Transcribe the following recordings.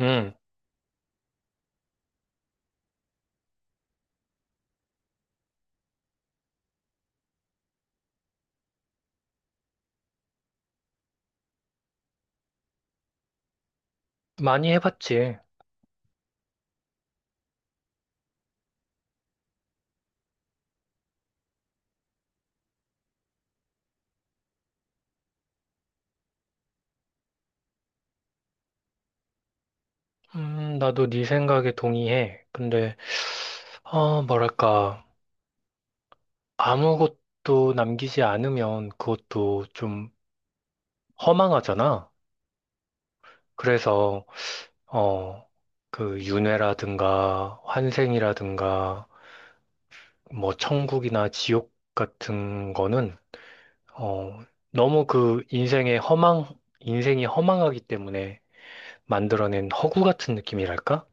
음, 많이 해봤지. 나도 네 생각에 동의해. 근데, 뭐랄까, 아무것도 남기지 않으면 그것도 좀 허망하잖아. 그래서, 어, 그 윤회라든가 환생이라든가 뭐 천국이나 지옥 같은 거는, 어, 너무 그 인생의 허망, 인생이 허망하기 때문에 만들어낸 허구 같은 느낌이랄까?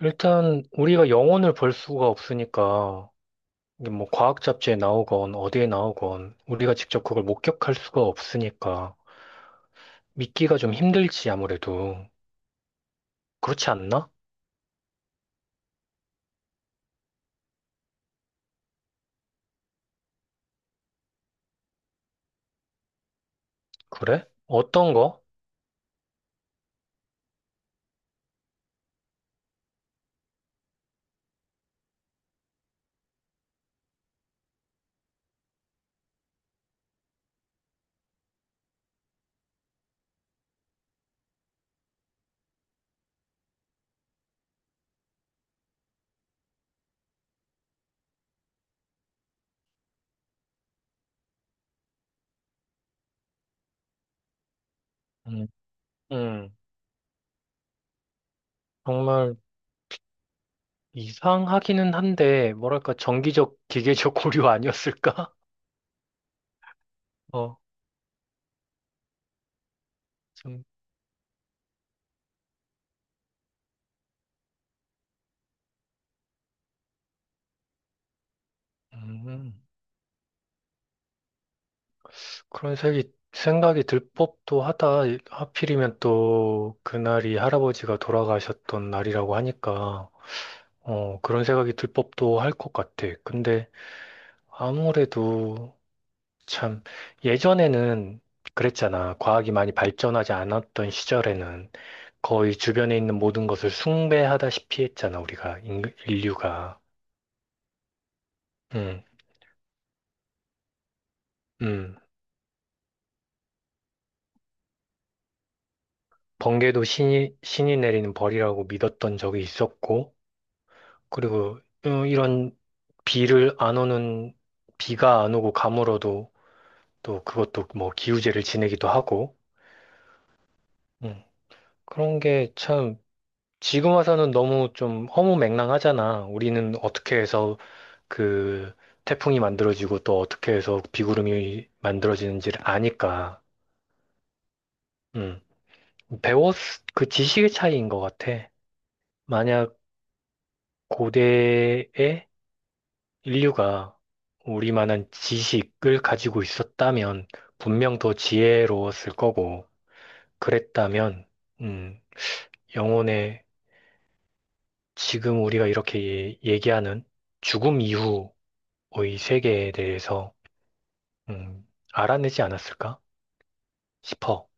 일단 우리가 영혼을 볼 수가 없으니까 이게 뭐 과학 잡지에 나오건 어디에 나오건 우리가 직접 그걸 목격할 수가 없으니까 믿기가 좀 힘들지 아무래도. 그렇지 않나? 그래? 어떤 거? 음, 음, 정말 이상하기는 한데 뭐랄까 정기적 기계적 고려 아니었을까? 어, 좀 음, 그런 생각이 들 법도 하다. 하필이면 또 그날이 할아버지가 돌아가셨던 날이라고 하니까 그런 생각이 들 법도 할 것 같아. 근데 아무래도 참 예전에는 그랬잖아. 과학이 많이 발전하지 않았던 시절에는 거의 주변에 있는 모든 것을 숭배하다시피 했잖아, 우리가, 인류가. 음, 음. 번개도 신이 내리는 벌이라고 믿었던 적이 있었고, 그리고 이런 비를 안 오는, 비가 안 오고 가물어도 또 그것도 뭐 기우제를 지내기도 하고, 음. 그런 게참 지금 와서는 너무 좀 허무맹랑하잖아. 우리는 어떻게 해서 그 태풍이 만들어지고 또 어떻게 해서 비구름이 만들어지는지를 아니까. 음. 배웠, 그 지식의 차이인 것 같아. 만약 고대의 인류가 우리만한 지식을 가지고 있었다면 분명 더 지혜로웠을 거고, 그랬다면, 음, 영혼의 지금 우리가 이렇게 얘기하는 죽음 이후 이 세계에 대해서 음, 알아내지 않았을까 싶어.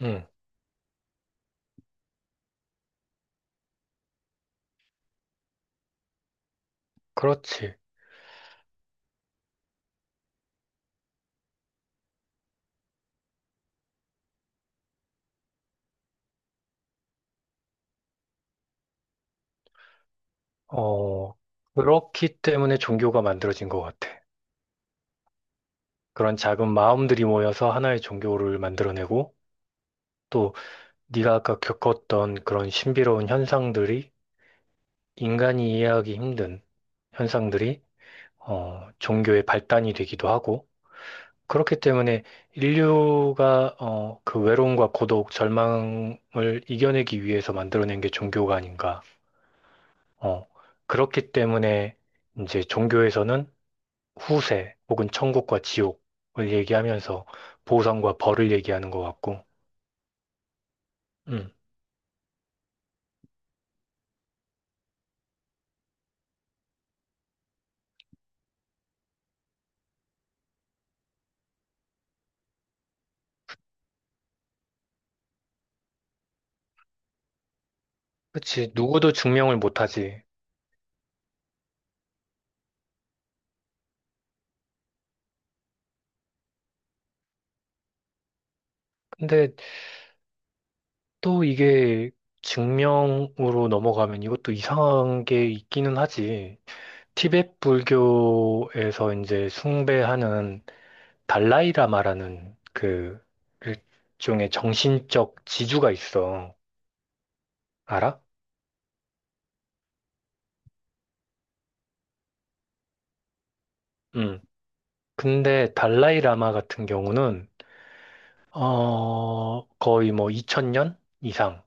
음, 그렇지. 어, 그렇기 때문에 종교가 만들어진 것 같아. 그런 작은 마음들이 모여서 하나의 종교를 만들어내고 또 네가 아까 겪었던 그런 신비로운 현상들이 인간이 이해하기 힘든 현상들이 종교의 발단이 되기도 하고 그렇기 때문에 인류가 그 외로움과 고독, 절망을 이겨내기 위해서 만들어낸 게 종교가 아닌가. 어, 그렇기 때문에 이제 종교에서는 후세 혹은 천국과 지옥을 얘기하면서 보상과 벌을 얘기하는 것 같고, 음, 그치. 누구도 증명을 못하지. 근데 또 이게 증명으로 넘어가면 이것도 이상한 게 있기는 하지. 티베트 불교에서 이제 숭배하는 달라이라마라는 그 일종의 정신적 지주가 있어. 알아? 음. 근데 달라이라마 같은 경우는 거의 뭐 2000년 이상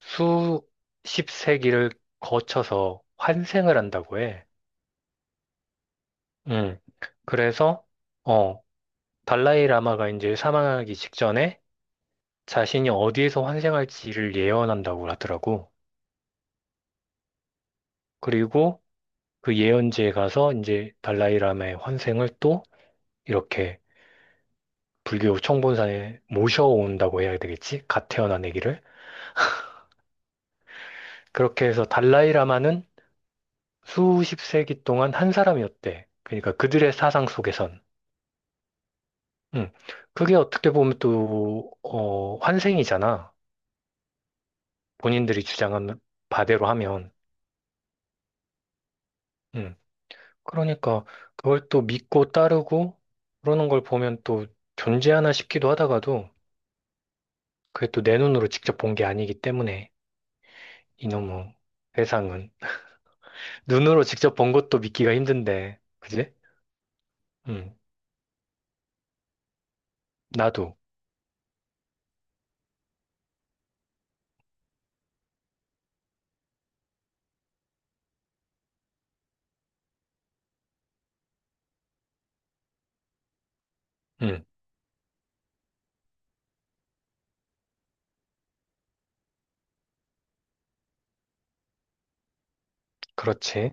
수십 세기를 거쳐서 환생을 한다고 해. 음. 그래서 어, 달라이라마가 이제 사망하기 직전에 자신이 어디에서 환생할지를 예언한다고 하더라고. 그리고 그 예언지에 가서 이제 달라이라마의 환생을 또 이렇게 불교 청본산에 모셔온다고 해야 되겠지? 갓 태어난 아기를. 그렇게 해서 달라이라마는 수십 세기 동안 한 사람이었대. 그러니까 그들의 사상 속에선. 음. 그게 어떻게 보면 또, 환생이잖아. 본인들이 주장한 바대로 하면. 음. 그러니까 그걸 또 믿고 따르고 그러는 걸 보면 또 존재하나 싶기도 하다가도 그게 또 내 눈으로 직접 본 게 아니기 때문에 이놈의 세상은. 눈으로 직접 본 것도 믿기가 힘든데. 그지? 음. 나도. 음. 그렇지.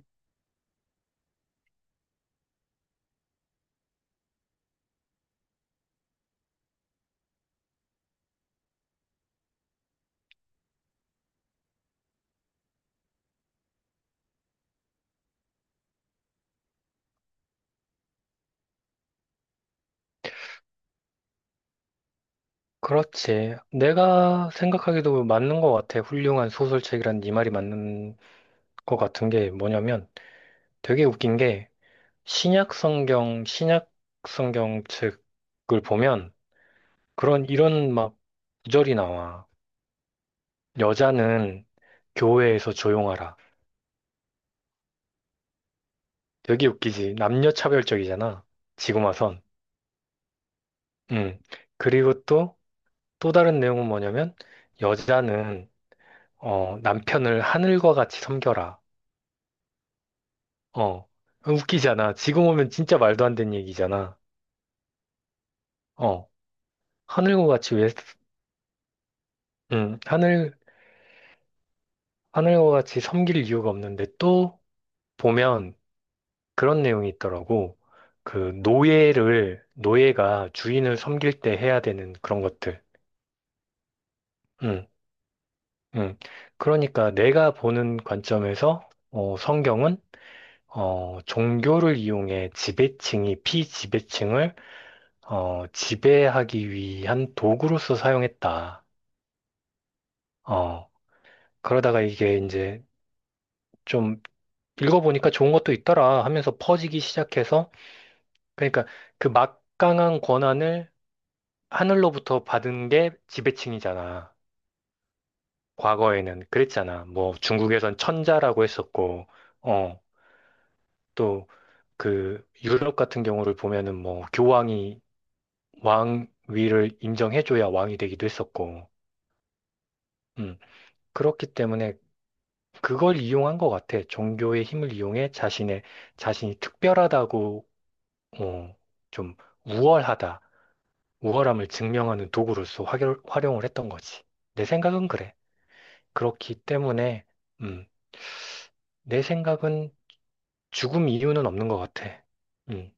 그렇지. 내가 생각하기도 맞는 것 같아. 훌륭한 소설책이란 네 말이 맞는 것 같은 게 뭐냐면 되게 웃긴 게 신약 성경 책을 보면 그런 이런 막 구절이 나와. 여자는 교회에서 조용하라. 되게 웃기지. 남녀 차별적이잖아. 지금 와선. 음. 그리고 또 다른 내용은 뭐냐면 여자는 남편을 하늘과 같이 섬겨라. 어. 웃기잖아. 지금 오면 진짜 말도 안 되는 얘기잖아. 어. 하늘과 같이 왜, 음, 하늘, 하늘과 같이 섬길 이유가 없는데 또 보면 그런 내용이 있더라고. 노예가 주인을 섬길 때 해야 되는 그런 것들. 음, 음. 그러니까 내가 보는 관점에서, 성경은, 종교를 이용해 지배층이 피지배층을, 지배하기 위한 도구로서 사용했다. 어. 그러다가 이게 이제 좀 읽어보니까 좋은 것도 있더라 하면서 퍼지기 시작해서 그러니까 그 막강한 권한을 하늘로부터 받은 게 지배층이잖아. 과거에는 그랬잖아. 뭐 중국에선 천자라고 했었고, 어, 또 그 유럽 같은 경우를 보면은 뭐 교황이 왕위를 인정해줘야 왕이 되기도 했었고, 음, 그렇기 때문에 그걸 이용한 것 같아. 종교의 힘을 이용해 자신의 자신이 특별하다고 어, 좀 우월하다, 우월함을 증명하는 도구로서 활용을 했던 거지. 내 생각은 그래. 그렇기 때문에, 음, 내 생각은 죽음 이유는 없는 것 같아. 음,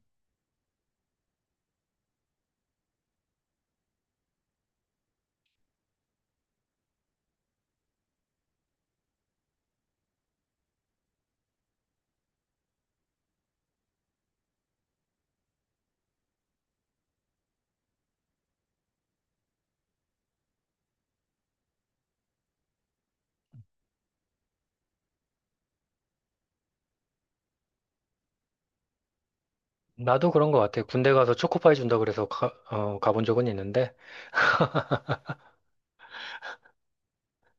나도 그런 것 같아. 군대 가서 초코파이 준다 그래서 가본 적은 있는데,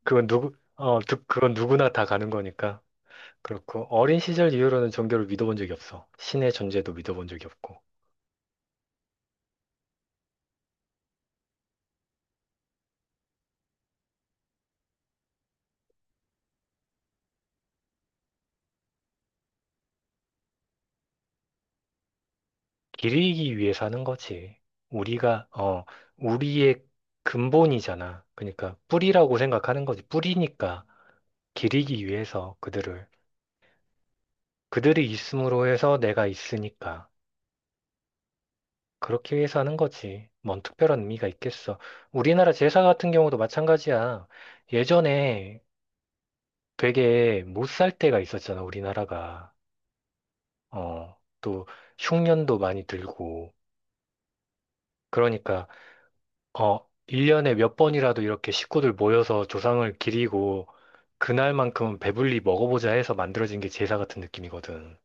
그건 누구나 다 가는 거니까. 그렇고, 어린 시절 이후로는 종교를 믿어본 적이 없어. 신의 존재도 믿어본 적이 없고. 기르기 위해 사는 거지. 우리가, 어, 우리의 근본이잖아. 그러니까 뿌리라고 생각하는 거지. 뿌리니까 기르기 위해서 그들을. 그들이 있음으로 해서 내가 있으니까. 그렇게 위해서 하는 거지. 뭔 특별한 의미가 있겠어. 우리나라 제사 같은 경우도 마찬가지야. 예전에 되게 못 살 때가 있었잖아, 우리나라가. 또 흉년도 많이 들고. 그러니까 어, 1년에 몇 번이라도 이렇게 식구들 모여서 조상을 기리고 그날만큼은 배불리 먹어보자 해서 만들어진 게 제사 같은 느낌이거든.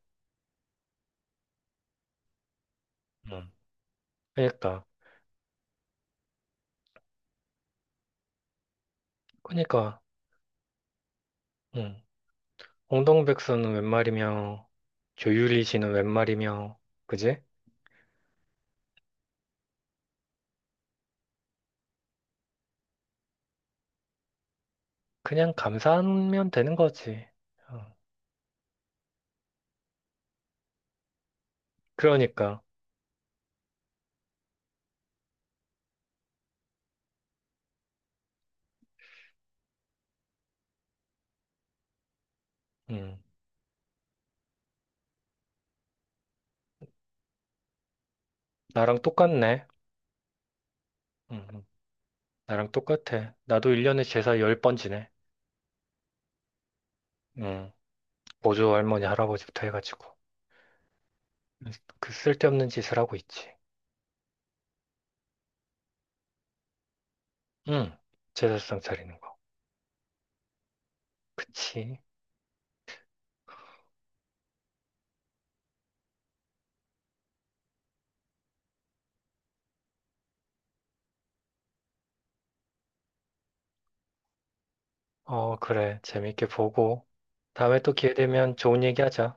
음. 그러니까, 그러니까, 음. 홍동백서는 웬 말이며, 조유리시는 웬 말이며, 그지? 그냥 감사하면 되는 거지. 어. 그러니까, 음. 나랑 똑같네. 음. 음. 나랑 똑같아. 나도 1년에 제사 10번 지내. 음. 보조 할머니, 할아버지부터 해가지고. 그 쓸데없는 짓을 하고 있지. 응, 제사상 차리는 거. 그치. 어, 그래. 재밌게 보고. 다음에 또 기회 되면 좋은 얘기 하자.